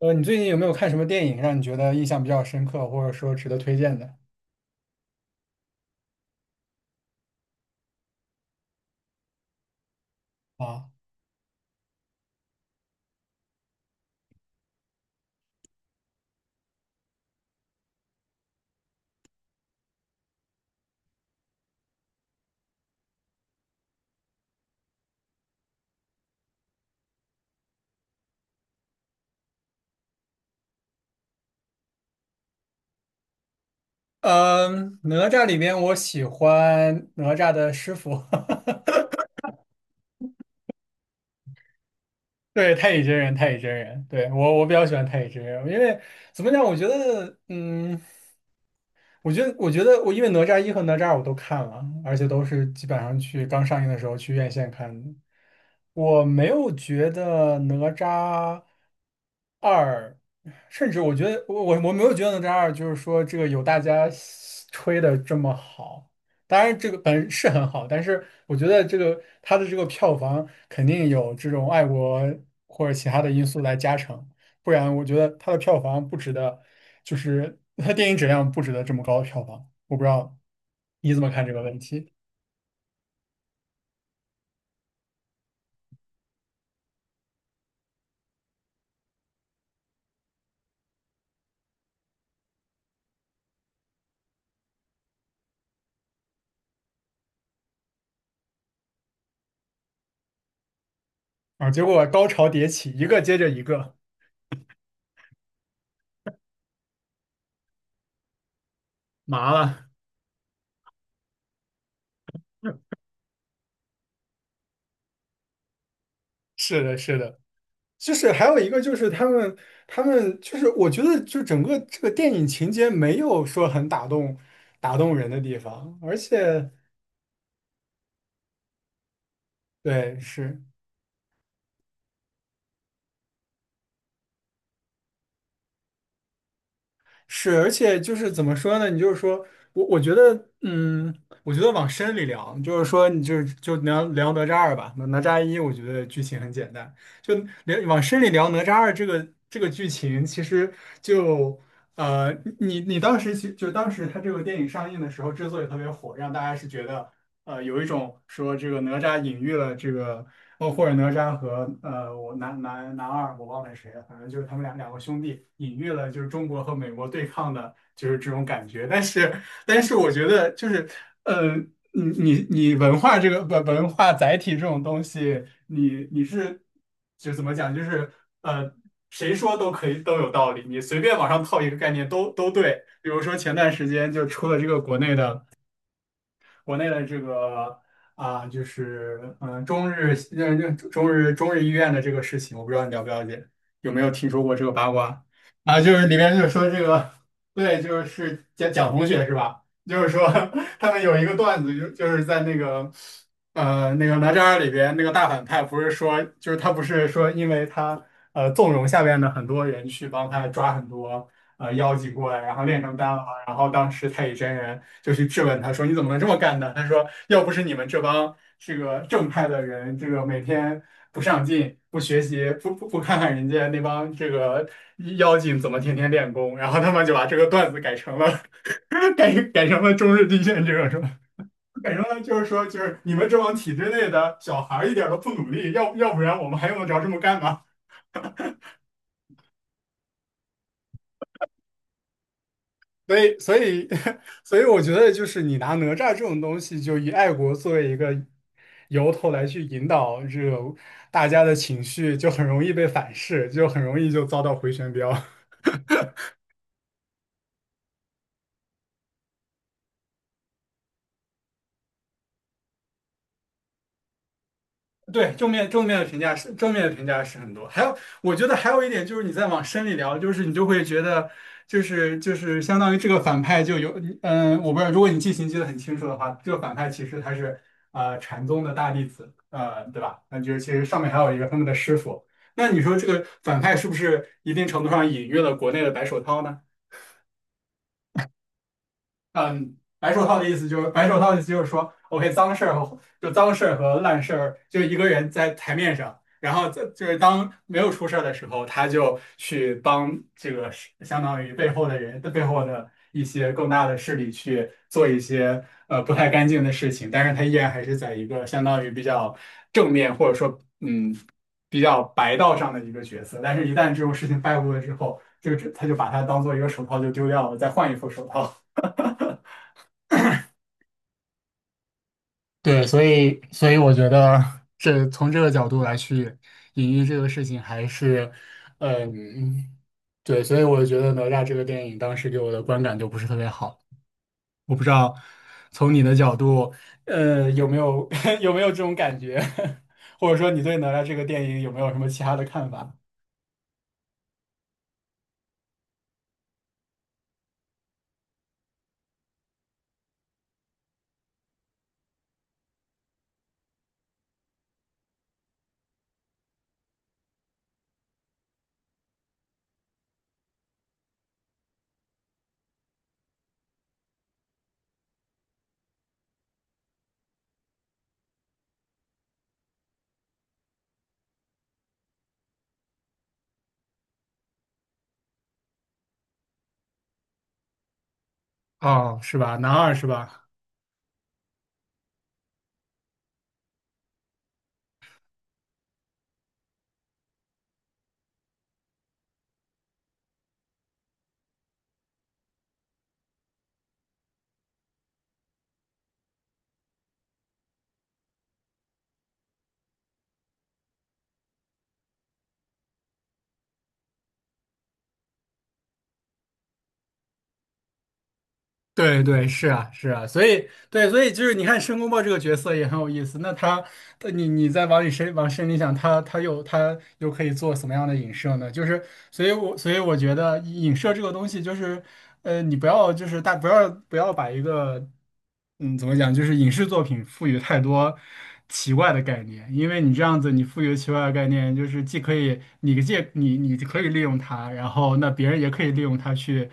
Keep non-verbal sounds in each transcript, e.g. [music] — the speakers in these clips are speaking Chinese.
你最近有没有看什么电影让你觉得印象比较深刻，或者说值得推荐的啊？嗯，哪吒里面，我喜欢哪吒的师傅，[laughs] 对，太乙真人，太乙真人，对，我比较喜欢太乙真人，因为怎么讲，我觉得，嗯。我觉得我因为哪吒一和哪吒二我都看了，而且都是基本上去刚上映的时候去院线看的。我没有觉得哪吒二，甚至我觉得我没有觉得哪吒二就是说这个有大家吹的这么好。当然，这个本是很好，但是我觉得这个它的这个票房肯定有这种爱国或者其他的因素来加成。不然我觉得它的票房不值得，就是它电影质量不值得这么高的票房。我不知道你怎么看这个问题啊？结果高潮迭起，一个接着一个。麻了。[laughs] 是的，是的，就是还有一个就是他们就是我觉得就整个这个电影情节没有说很打动人的地方，而且对是。是，而且就是怎么说呢？你就是说我，我觉得，嗯，我觉得往深里聊，就是说，你就是就聊聊哪吒二吧。哪吒一，我觉得剧情很简单，就往深里聊哪吒二这个剧情，其实就呃，你你当时其就当时它这个电影上映的时候，之所以特别火，让大家是觉得有一种说这个哪吒隐喻了这个。哦，或者哪吒和我男二，我忘了谁了，反正就是他们两个兄弟，隐喻了就是中国和美国对抗的，就是这种感觉。但是我觉得就是，呃，你文化这个文化载体这种东西，你是就怎么讲，就是呃，谁说都可以都有道理，你随便往上套一个概念都对。比如说前段时间就出了这个国内的。国内的这个啊，就是中日医院的这个事情，我不知道你了不了解，有没有听说过这个八卦啊？就是里面就是说这个，对，就是蒋同学是吧？就是说 [laughs] 他们有一个段子，就是在那个那个哪吒二里边那个大反派，不是说就是他不是说因为他纵容下面的很多人去帮他抓很多。妖精过来，然后炼成丹了。嘛？然后当时太乙真人就去质问他说：“你怎么能这么干呢？”他说：“要不是你们这帮这个正派的人，这个每天不上进、不学习、不看看人家那帮这个妖精怎么天天练功，然后他们就把这个段子改成了 [laughs] 改成了中日地震这个是吧？改成了就是说，就是你们这帮体制内的小孩儿一点儿都不努力，要不然我们还用得着这么干吗？”所以，[laughs] 所以，我觉得就是你拿哪吒这种东西，就以爱国作为一个由头来去引导这个大家的情绪，就很容易被反噬，就很容易就遭到回旋镖。[laughs] 对，正面的评价是很多，还有我觉得还有一点就是你再往深里聊，就是你就会觉得就是相当于这个反派就有我不知道，如果你记性记得很清楚的话，这个反派其实他是禅宗的大弟子，对吧？那就是其实上面还有一个他们的师傅，那你说这个反派是不是一定程度上隐喻了国内的白手套呢？嗯，白手套的意思就是说，OK，脏事儿和烂事儿，就一个人在台面上，然后在就是当没有出事儿的时候，他就去帮这个是相当于背后的人的背后的一些更大的势力去做一些不太干净的事情，但是他依然还是在一个相当于比较正面或者说比较白道上的一个角色，但是一旦这种事情败露了之后，这个只他就把它当做一个手套就丢掉了，再换一副手套。[laughs] 对，所以我觉得这从这个角度来去隐喻这个事情，还是，嗯，对，所以我觉得哪吒这个电影当时给我的观感就不是特别好。我不知道从你的角度，有没有 [laughs] 有没有这种感觉，[laughs] 或者说你对哪吒这个电影有没有什么其他的看法？哦，是吧？男二是吧？对对，是啊是啊，所以对，所以就是你看申公豹这个角色也很有意思。他你再往深里想，他又可以做什么样的影射呢？就是，所以我觉得影射这个东西就是。你不要就是大不要不要把一个怎么讲，就是影视作品赋予太多奇怪的概念，因为你这样子你赋予奇怪的概念，就是既可以你借你你可以利用它，然后那别人也可以利用它去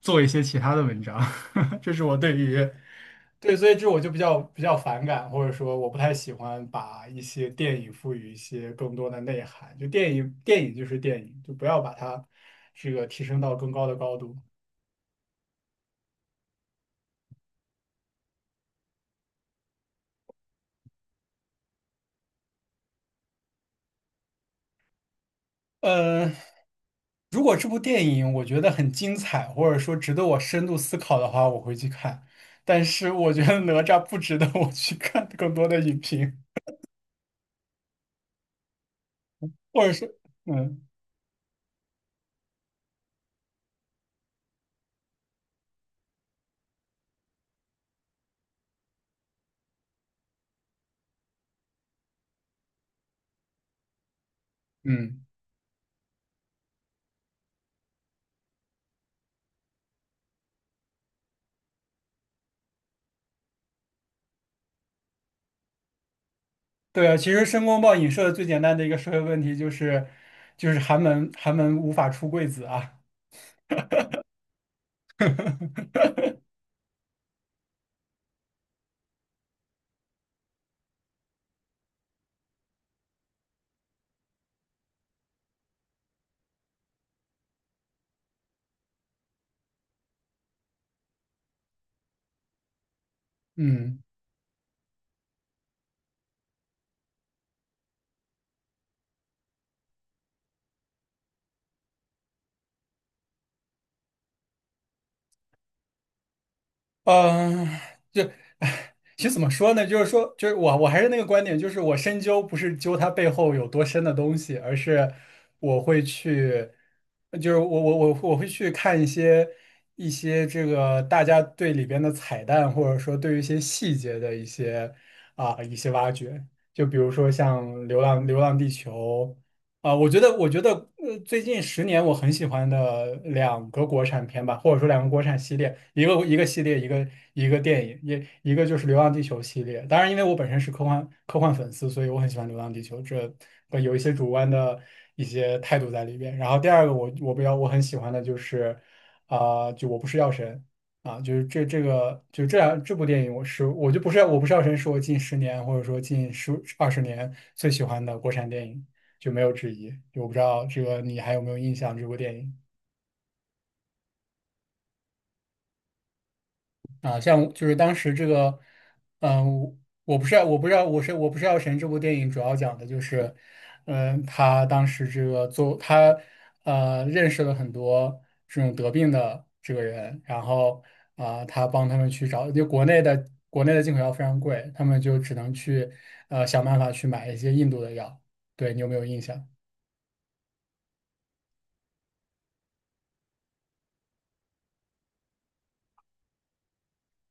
做一些其他的文章，[laughs] 这是我对于。对，所以这我就比较反感，或者说我不太喜欢把一些电影赋予一些更多的内涵。就电影，电影就是电影，就不要把它这个提升到更高的高度。呃，如果这部电影我觉得很精彩，或者说值得我深度思考的话，我会去看。但是我觉得哪吒不值得我去看更多的影评，或者是，嗯嗯，对啊，其实申公豹影射的最简单的一个社会问题就是，就是寒门无法出贵子啊，[laughs] 嗯。嗯，就，其实怎么说呢？就是说，就是我还是那个观点，就是我深究不是究它背后有多深的东西，而是我会去，就是我会去看一些这个大家对里边的彩蛋，或者说对于一些细节的一些挖掘，就比如说像流浪地球》。啊、我觉得，最近十年我很喜欢的两个国产片吧，或者说两个国产系列，一个系列，一个电影，一个就是《流浪地球》系列。当然，因为我本身是科幻粉丝，所以我很喜欢《流浪地球》，这有一些主观的一些态度在里边。然后第二个我我很喜欢的就是，啊、就我不是药神啊，就是这个就这部电影，我不是药神，是我近十年或者说近十二十年最喜欢的国产电影。就没有之一。我不知道这个你还有没有印象这部电影啊？像就是当时这个，嗯，我我不知道我不是药神这部电影主要讲的就是，嗯，他当时这个做他认识了很多这种得病的这个人，然后啊、他帮他们去找，就国内的进口药非常贵，他们就只能去想办法去买一些印度的药。对你有没有印象？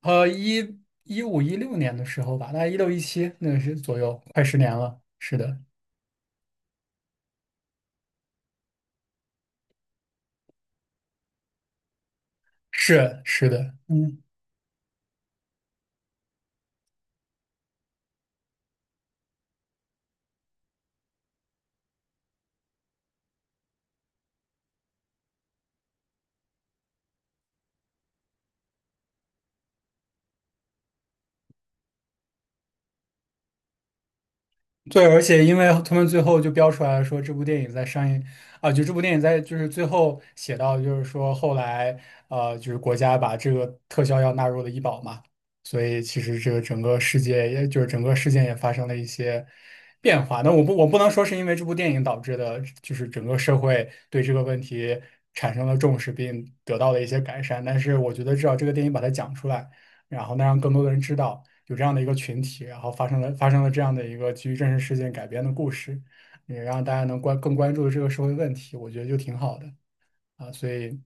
一五一六年的时候吧，大概一六一七那个是左右，快十年了。是的，是的，嗯。对，而且因为他们最后就标出来了，说这部电影在上映啊，就这部电影在就是最后写到，就是说后来就是国家把这个特效药纳入了医保嘛，所以其实这个整个世界也就是整个事件也发生了一些变化。那我不能说是因为这部电影导致的，就是整个社会对这个问题产生了重视并得到了一些改善，但是我觉得至少这个电影把它讲出来。然后呢让更多的人知道有这样的一个群体，然后发生了这样的一个基于真实事件改编的故事，也让大家能更关注这个社会问题，我觉得就挺好的啊。所以，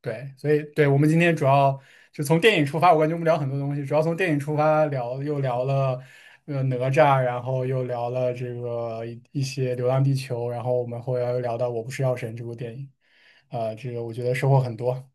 对，所以对我们今天主要就从电影出发，我感觉我们聊很多东西，主要从电影出发聊，又聊了。哪吒，然后又聊了这个一些《流浪地球》，然后我们后来又聊到《我不是药神》这部电影，这个我觉得收获很多。